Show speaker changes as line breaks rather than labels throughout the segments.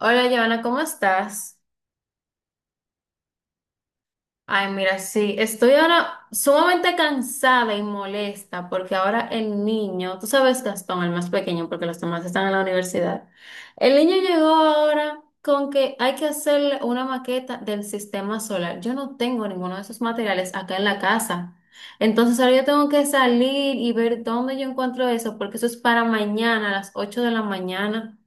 Hola, Giovanna, ¿cómo estás? Ay, mira, sí, estoy ahora sumamente cansada y molesta porque ahora el niño, tú sabes, Gastón, el más pequeño, porque los demás están en la universidad. El niño llegó ahora con que hay que hacer una maqueta del sistema solar. Yo no tengo ninguno de esos materiales acá en la casa. Entonces ahora yo tengo que salir y ver dónde yo encuentro eso, porque eso es para mañana a las 8 de la mañana.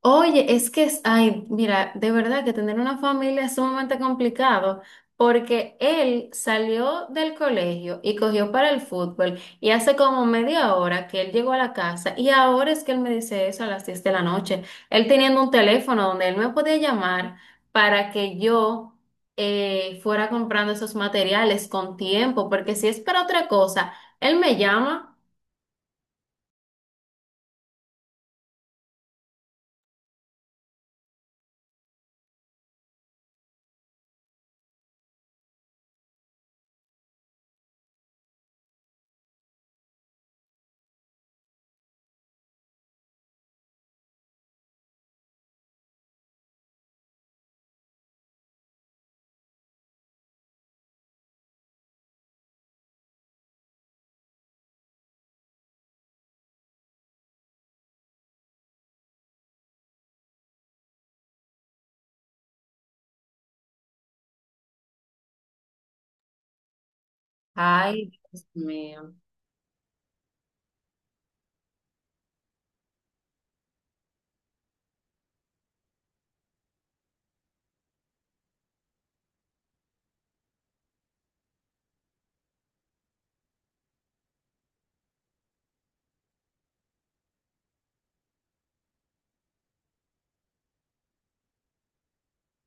Oye, ay, mira, de verdad que tener una familia es sumamente complicado porque él salió del colegio y cogió para el fútbol y hace como media hora que él llegó a la casa y ahora es que él me dice eso a las 10 de la noche. Él teniendo un teléfono donde él me podía llamar para que yo fuera comprando esos materiales con tiempo, porque si es para otra cosa, él me llama. Ay, Dios mío.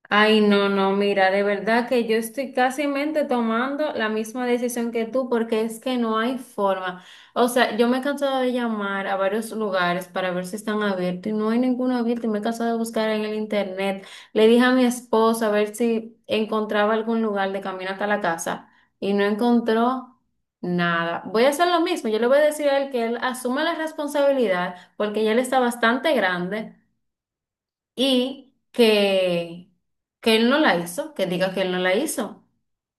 Ay, no, no, mira, de verdad que yo estoy casi tomando la misma decisión que tú porque es que no hay forma. O sea, yo me he cansado de llamar a varios lugares para ver si están abiertos y no hay ninguno abierto y me he cansado de buscar en el internet. Le dije a mi esposo a ver si encontraba algún lugar de camino hasta la casa y no encontró nada. Voy a hacer lo mismo, yo le voy a decir a él que él asuma la responsabilidad porque ya él está bastante grande y que él no la hizo, que diga que él no la hizo,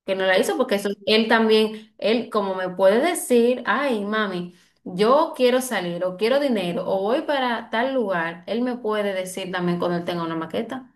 que no la hizo, porque eso, él también, él como me puede decir, ay, mami, yo quiero salir o quiero dinero o voy para tal lugar, él me puede decir también cuando él tenga una maqueta.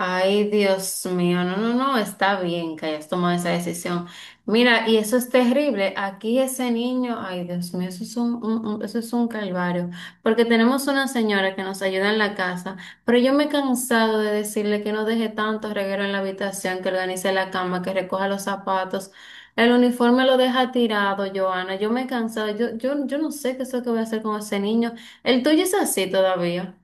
Ay, Dios mío, no, no, no, está bien que hayas tomado esa decisión. Mira, y eso es terrible. Aquí ese niño, ay, Dios mío, eso es eso es un calvario. Porque tenemos una señora que nos ayuda en la casa, pero yo me he cansado de decirle que no deje tanto reguero en la habitación, que organice la cama, que recoja los zapatos. El uniforme lo deja tirado, Joana. Yo me he cansado. Yo no sé qué es lo que voy a hacer con ese niño. El tuyo es así todavía.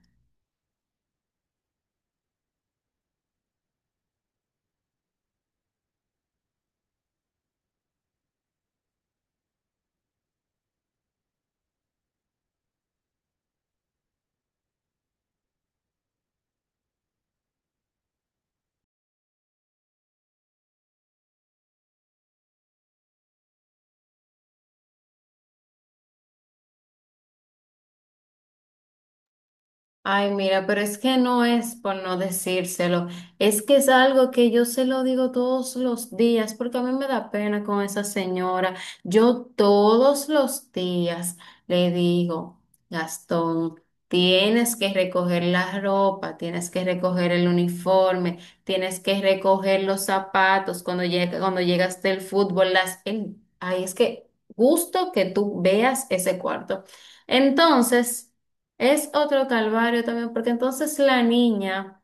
Ay, mira, pero es que no es por no decírselo, es que es algo que yo se lo digo todos los días, porque a mí me da pena con esa señora. Yo todos los días le digo, Gastón, tienes que recoger la ropa, tienes que recoger el uniforme, tienes que recoger los zapatos cuando llega, cuando llegas del fútbol, las, el- ay, es que gusto que tú veas ese cuarto. Entonces, es otro calvario también, porque entonces la niña,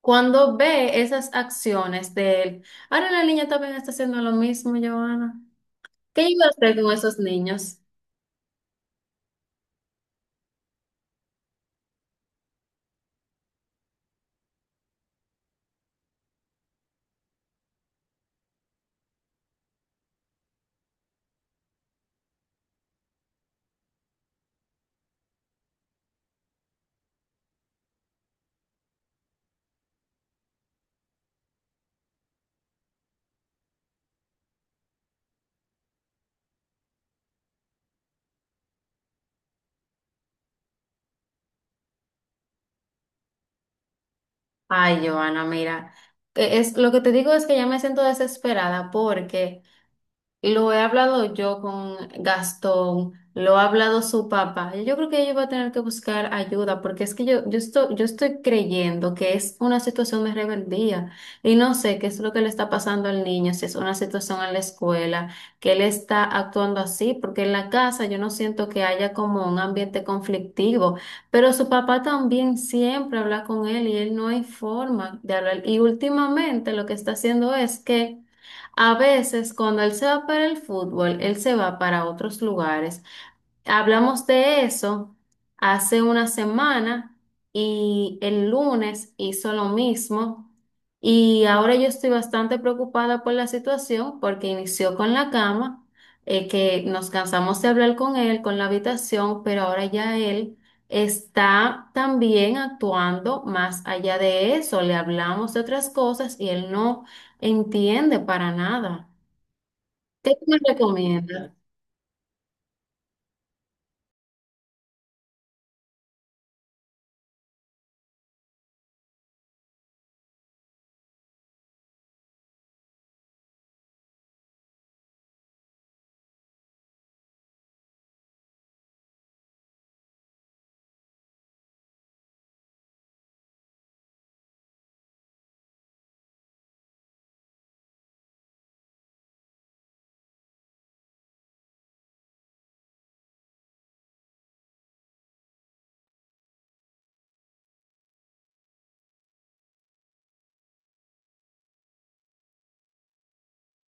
cuando ve esas acciones de él, ahora la niña también está haciendo lo mismo, Joana. ¿Qué iba a hacer con esos niños? Ay, Joana, mira, que es, lo que te digo es que ya me siento desesperada porque lo he hablado yo con Gastón, lo ha hablado su papá. Yo creo que ella va a tener que buscar ayuda porque es que yo estoy, yo estoy creyendo que es una situación de rebeldía y no sé qué es lo que le está pasando al niño, si es una situación en la escuela, que él está actuando así, porque en la casa yo no siento que haya como un ambiente conflictivo, pero su papá también siempre habla con él y él no hay forma de hablar. Y últimamente lo que está haciendo es que a veces cuando él se va para el fútbol, él se va para otros lugares. Hablamos de eso hace una semana y el lunes hizo lo mismo y ahora yo estoy bastante preocupada por la situación porque inició con la cama, que nos cansamos de hablar con él, con la habitación, pero ahora ya él está también actuando más allá de eso. Le hablamos de otras cosas y él no entiende para nada. ¿Qué tú me recomiendas?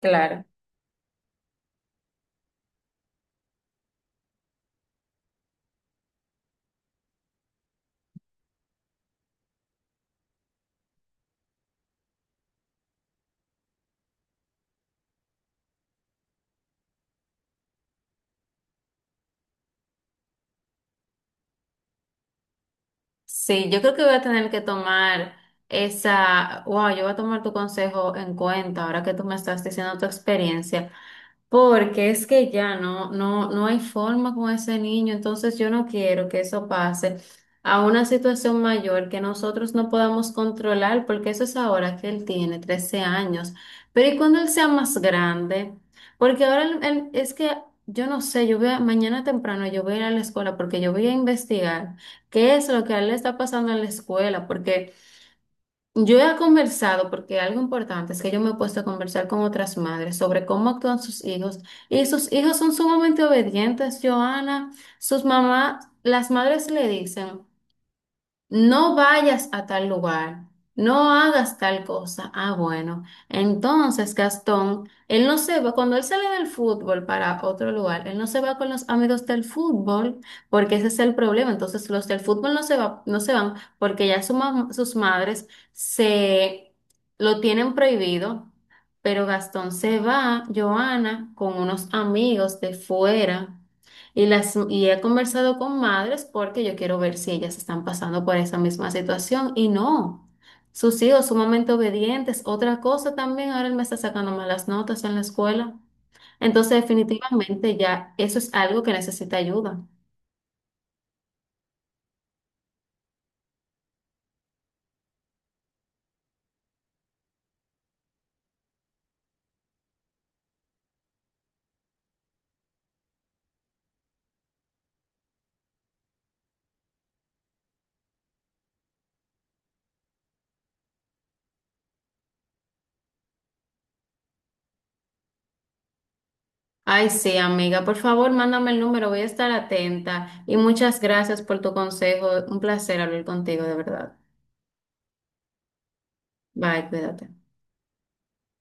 Claro. Sí, yo creo que voy a tener que tomar esa, wow, yo voy a tomar tu consejo en cuenta ahora que tú me estás diciendo tu experiencia. Porque es que ya no, no, no hay forma con ese niño, entonces yo no quiero que eso pase a una situación mayor que nosotros no podamos controlar, porque eso es ahora que él tiene 13 años. Pero ¿y cuando él sea más grande? Porque ahora es que yo no sé, mañana temprano yo voy a ir a la escuela porque yo voy a investigar qué es lo que a él le está pasando en la escuela, porque yo he conversado, porque algo importante es que yo me he puesto a conversar con otras madres sobre cómo actúan sus hijos. Y sus hijos son sumamente obedientes, Joana. Sus mamás, las madres le dicen. No vayas a tal lugar, no hagas tal cosa. Ah, bueno. Entonces, Gastón, él no se va, cuando él sale del fútbol para otro lugar, él no se va con los amigos del fútbol, porque ese es el problema. Entonces, los del fútbol no se va, no se van porque ya sus madres se lo tienen prohibido, pero Gastón se va, Joana, con unos amigos de fuera. Y, las, y he conversado con madres porque yo quiero ver si ellas están pasando por esa misma situación y no. Sus hijos sumamente obedientes. Otra cosa también, ahora él me está sacando malas notas en la escuela. Entonces, definitivamente ya eso es algo que necesita ayuda. Ay, sí, amiga, por favor, mándame el número, voy a estar atenta. Y muchas gracias por tu consejo. Un placer hablar contigo, de verdad. Bye, cuídate.